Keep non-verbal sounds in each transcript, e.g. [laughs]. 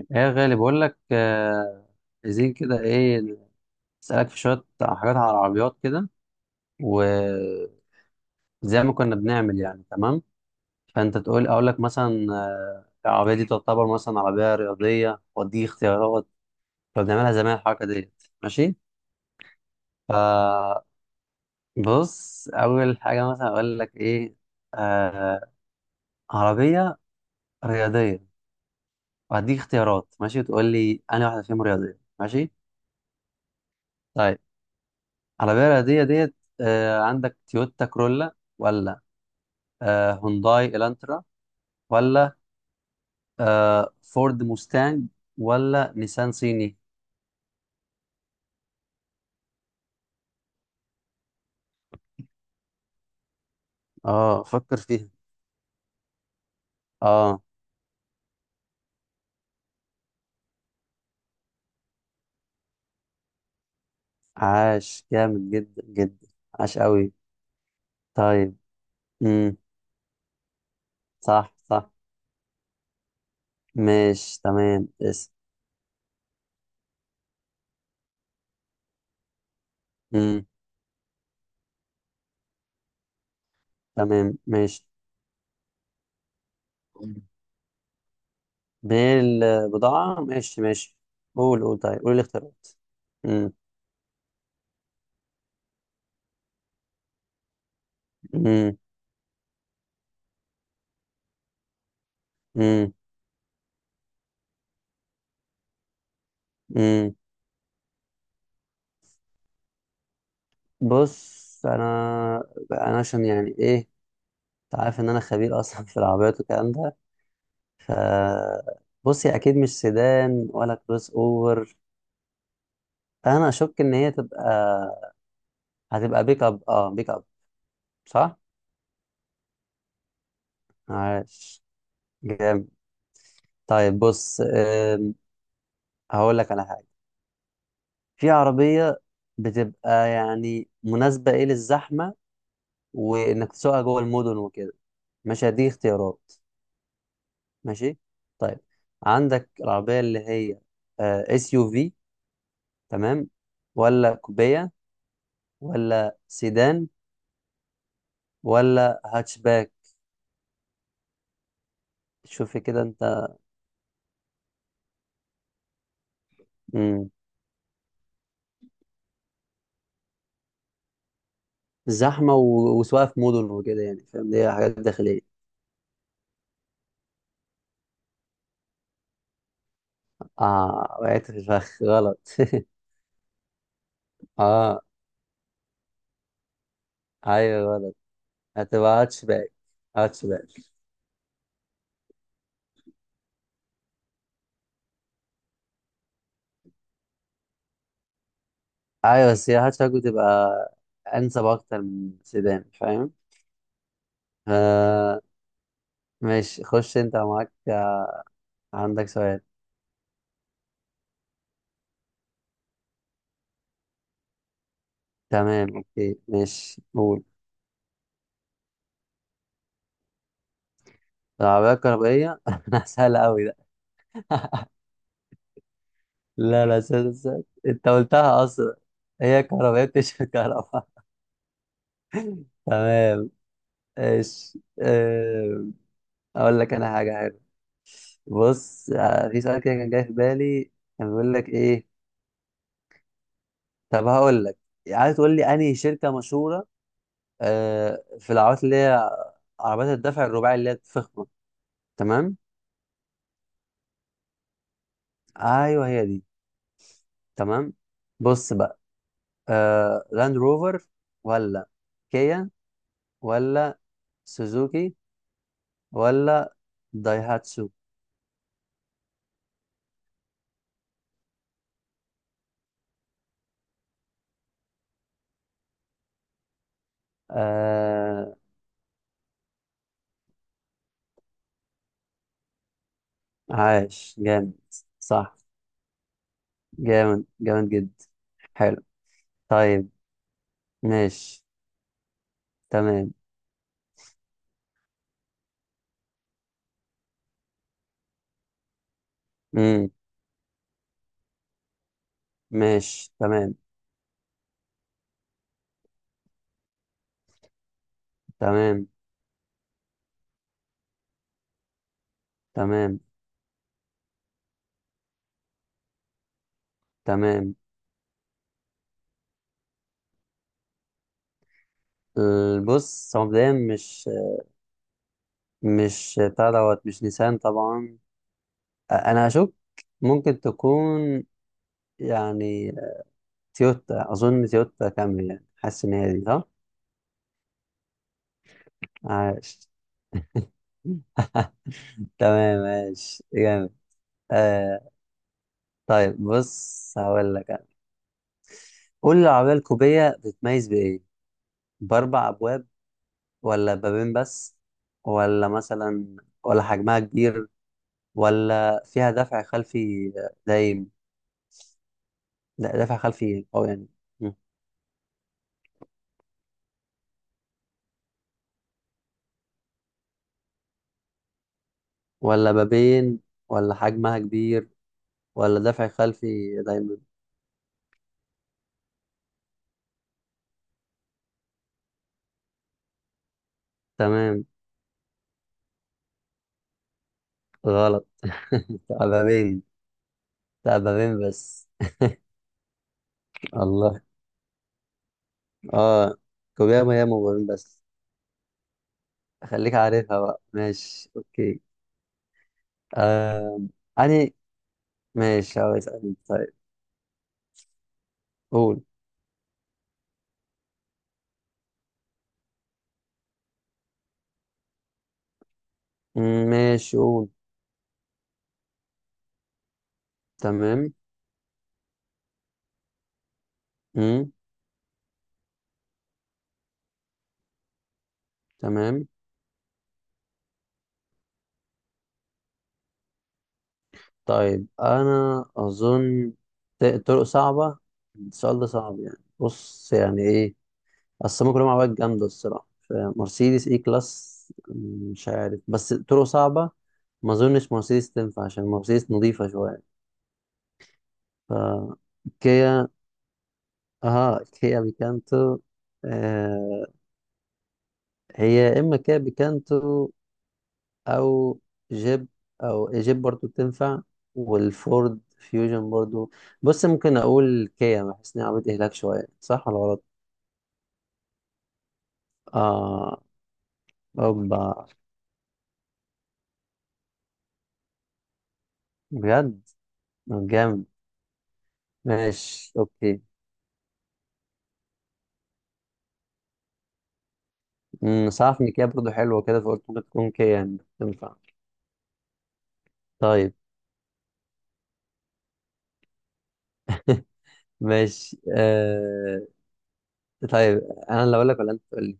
ايه يا غالي، بقول لك عايزين كده ايه. اسالك في شويه حاجات على العربيات كده، وزي ما كنا بنعمل يعني، تمام؟ فانت تقول، اقول لك مثلا العربيه دي تعتبر مثلا عربيه رياضيه، ودي اختيارات كنا بنعملها زمان. الحركه ديت، ماشي؟ فبص، اول حاجه مثلا اقول لك ايه. آه عربيه رياضيه، وهديك اختيارات، ماشي؟ وتقول لي انا واحده فيهم رياضيه. ماشي، طيب. العربية الرياضية ديت، عندك تويوتا كرولا، ولا هونداي الانترا، ولا فورد موستانج، ولا نيسان صيني؟ اه، فكر فيها. اه، عاش، جامد جدا جدا. عاش قوي. طيب. امم صح، صح. ماشي، تمام. امم تمام، ماشي. بالبضاعة، ماشي، ماشي. قول، قول، طيب، قول الاختيارات. امم امم امم بص، انا عشان يعني ايه، انت عارف ان انا خبير اصلا في العربيات والكلام ده. ف بص، هي اكيد مش سيدان ولا كروس اوفر. انا اشك ان هي هتبقى بيك اب. اه بيك اب، صح. عاش، جامد. طيب بص، هقول لك على حاجه. في عربيه بتبقى يعني مناسبه ايه للزحمه، وانك تسوقها جوه المدن وكده. مش هديك اختيارات؟ ماشي، طيب. عندك العربية اللي هي اس يو في، تمام؟ ولا كوبية، ولا سيدان، ولا هاتشباك؟ شوف كده انت. مم. زحمة وسواقة في مدن وكده، يعني فاهم؟ دي حاجات داخلية. اه، وقعت في الفخ. غلط. [laughs] اه. ايوه، غلط. هتبقى هاتشباك. هاتشباك. ايوه، بس هي هاتشباك بتبقى انسب اكتر من سيدان، فاهم؟ آه. ماشي، خش، انت معاك، عندك سؤال. تمام، اوكي، ماشي، قول. العربية الكهربائية، [laughs] انا سهلة أوي ده. لا، لا، سهل، سهل، انت قلتها اصلا. هي كهربائية، بتشرب كهرباء. [laughs] تمام. ايش، اقول لك انا حاجة حلوة. بص، في سؤال كده كان جاي في بالي، كان بيقول لك ايه. طب هقول لك، عايز تقول لي انهي شركة مشهورة في العربيات، اللي هي عربيات الدفع الرباعي اللي هي الفخمة، تمام؟ ايوه، هي دي. تمام. بص بقى، لاند روفر، ولا كيا، ولا سوزوكي، ولا دايهاتسو؟ آه عاش، جامد، صح. جامد، جامد جدا. حلو. طيب، ماشي، تمام. امم ماشي، تمام، تمام، تمام، تمام. بص، هو مبدئيا مش بتاع دوت، مش نيسان طبعا. انا هشك. ممكن تكون يعني تويوتا، اظن تويوتا كامري، يعني حاسس ان هي دي، صح. عاش. تمام، ماشي، جامد. آه. طيب بص، هقول لك انا، قول لي العربية الكوبية بتتميز بإيه؟ بأربع أبواب، ولا بابين بس؟ ولا مثلا، ولا حجمها كبير، ولا فيها دفع خلفي دايم؟ لا، دفع خلفي، أو يعني. م. ولا بابين، ولا حجمها كبير، ولا دفع خلفي دايما؟ تمام. غلط. [laughs] بابين. لا، بابين بس. الله، اه. كوبية، ما هي مو بابين بس. خليك عارفها بقى، ماشي، اوكي. آه... أني ماشي. هو اسألني، طيب. قول. مم، ماشي، قول. تمام. مم. تمام. طيب، أنا أظن، طرق صعبة، السؤال ده صعب يعني. بص يعني إيه، أصل هما كلهم عربيات جامدة الصراحة. مرسيدس إي كلاس، مش عارف. بس طرق صعبة، ما أظنش مرسيدس تنفع، عشان مرسيدس نظيفة شوية. ف كيا. اه كيا بيكانتو. آه، هي يا إما كابي كانترو، أو جيب. أو جيب برضو بتنفع. والفورد فيوجن برضو. بص، ممكن أقول كيا، بحس إن هي عربية إهلاك شوية، صح ولا غلط؟ آه، أوبا. بجد؟ طب، جامد. ماشي، أوكي. بس عارف إن كيا برضو حلوة كده، فقلت ممكن تكون كيا يعني تنفع. طيب، ماشي. طيب، أنا اللي أقول لك ولا أنت تقول لي؟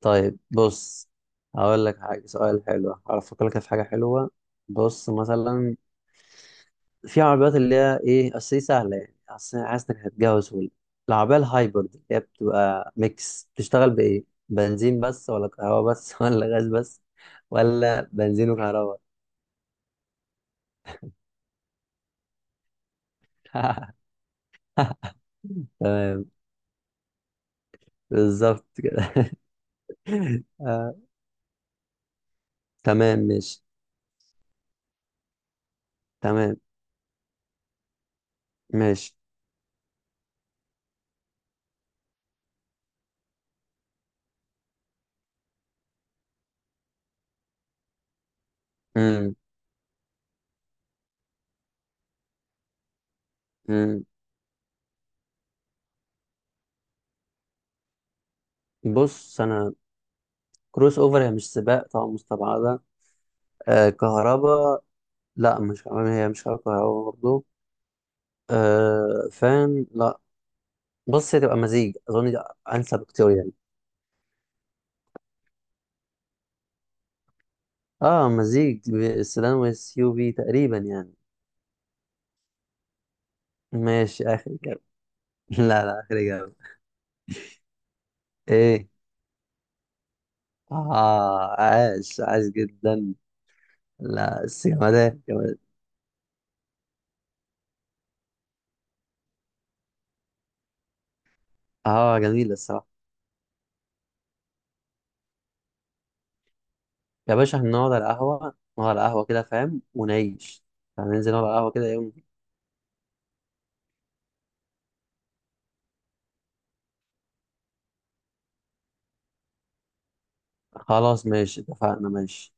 طيب بص، هقول لك حاجة. سؤال حلو، هفكر لك في حاجة حلوة. بص مثلا، في عربيات اللي هي ايه، اصل دي سهله يعني، اصل أنا حاسس انك هتجوز سهولة. العربيه الهايبرد اللي هي بتبقى ميكس، بتشتغل بايه؟ بنزين بس، ولا كهرباء بس، [laughs] ولا غاز بس، ولا بنزين وكهرباء؟ [laughs] تمام، بالظبط كده. [laughs] آه، تمام، ماشي. تمام، ماشي. امم امم بص انا، كروس اوفر هي مش سباق طبعا، مستبعده. آه، كهرباء، لا، مش كهرباء، هي مش كهرباء برضه. آه، فان، لا. بص، هي تبقى مزيج، اظن ده انسب اختيار يعني. اه، مزيج السيدان والسيو في تقريبا يعني. ماشي، اخر اجابه. [laughs] لا، لا، اخر اجابه. ايه؟ اه، عاش، عاش جدا. لا بس، جمدان، جمدان. اه، جميل الصراحه. يا باشا، هنقعد على القهوه. نقعد على القهوه كده، فاهم، ونعيش. هننزل نقعد على القهوه كده يوم. خلاص، ماشي، اتفقنا، ماشي.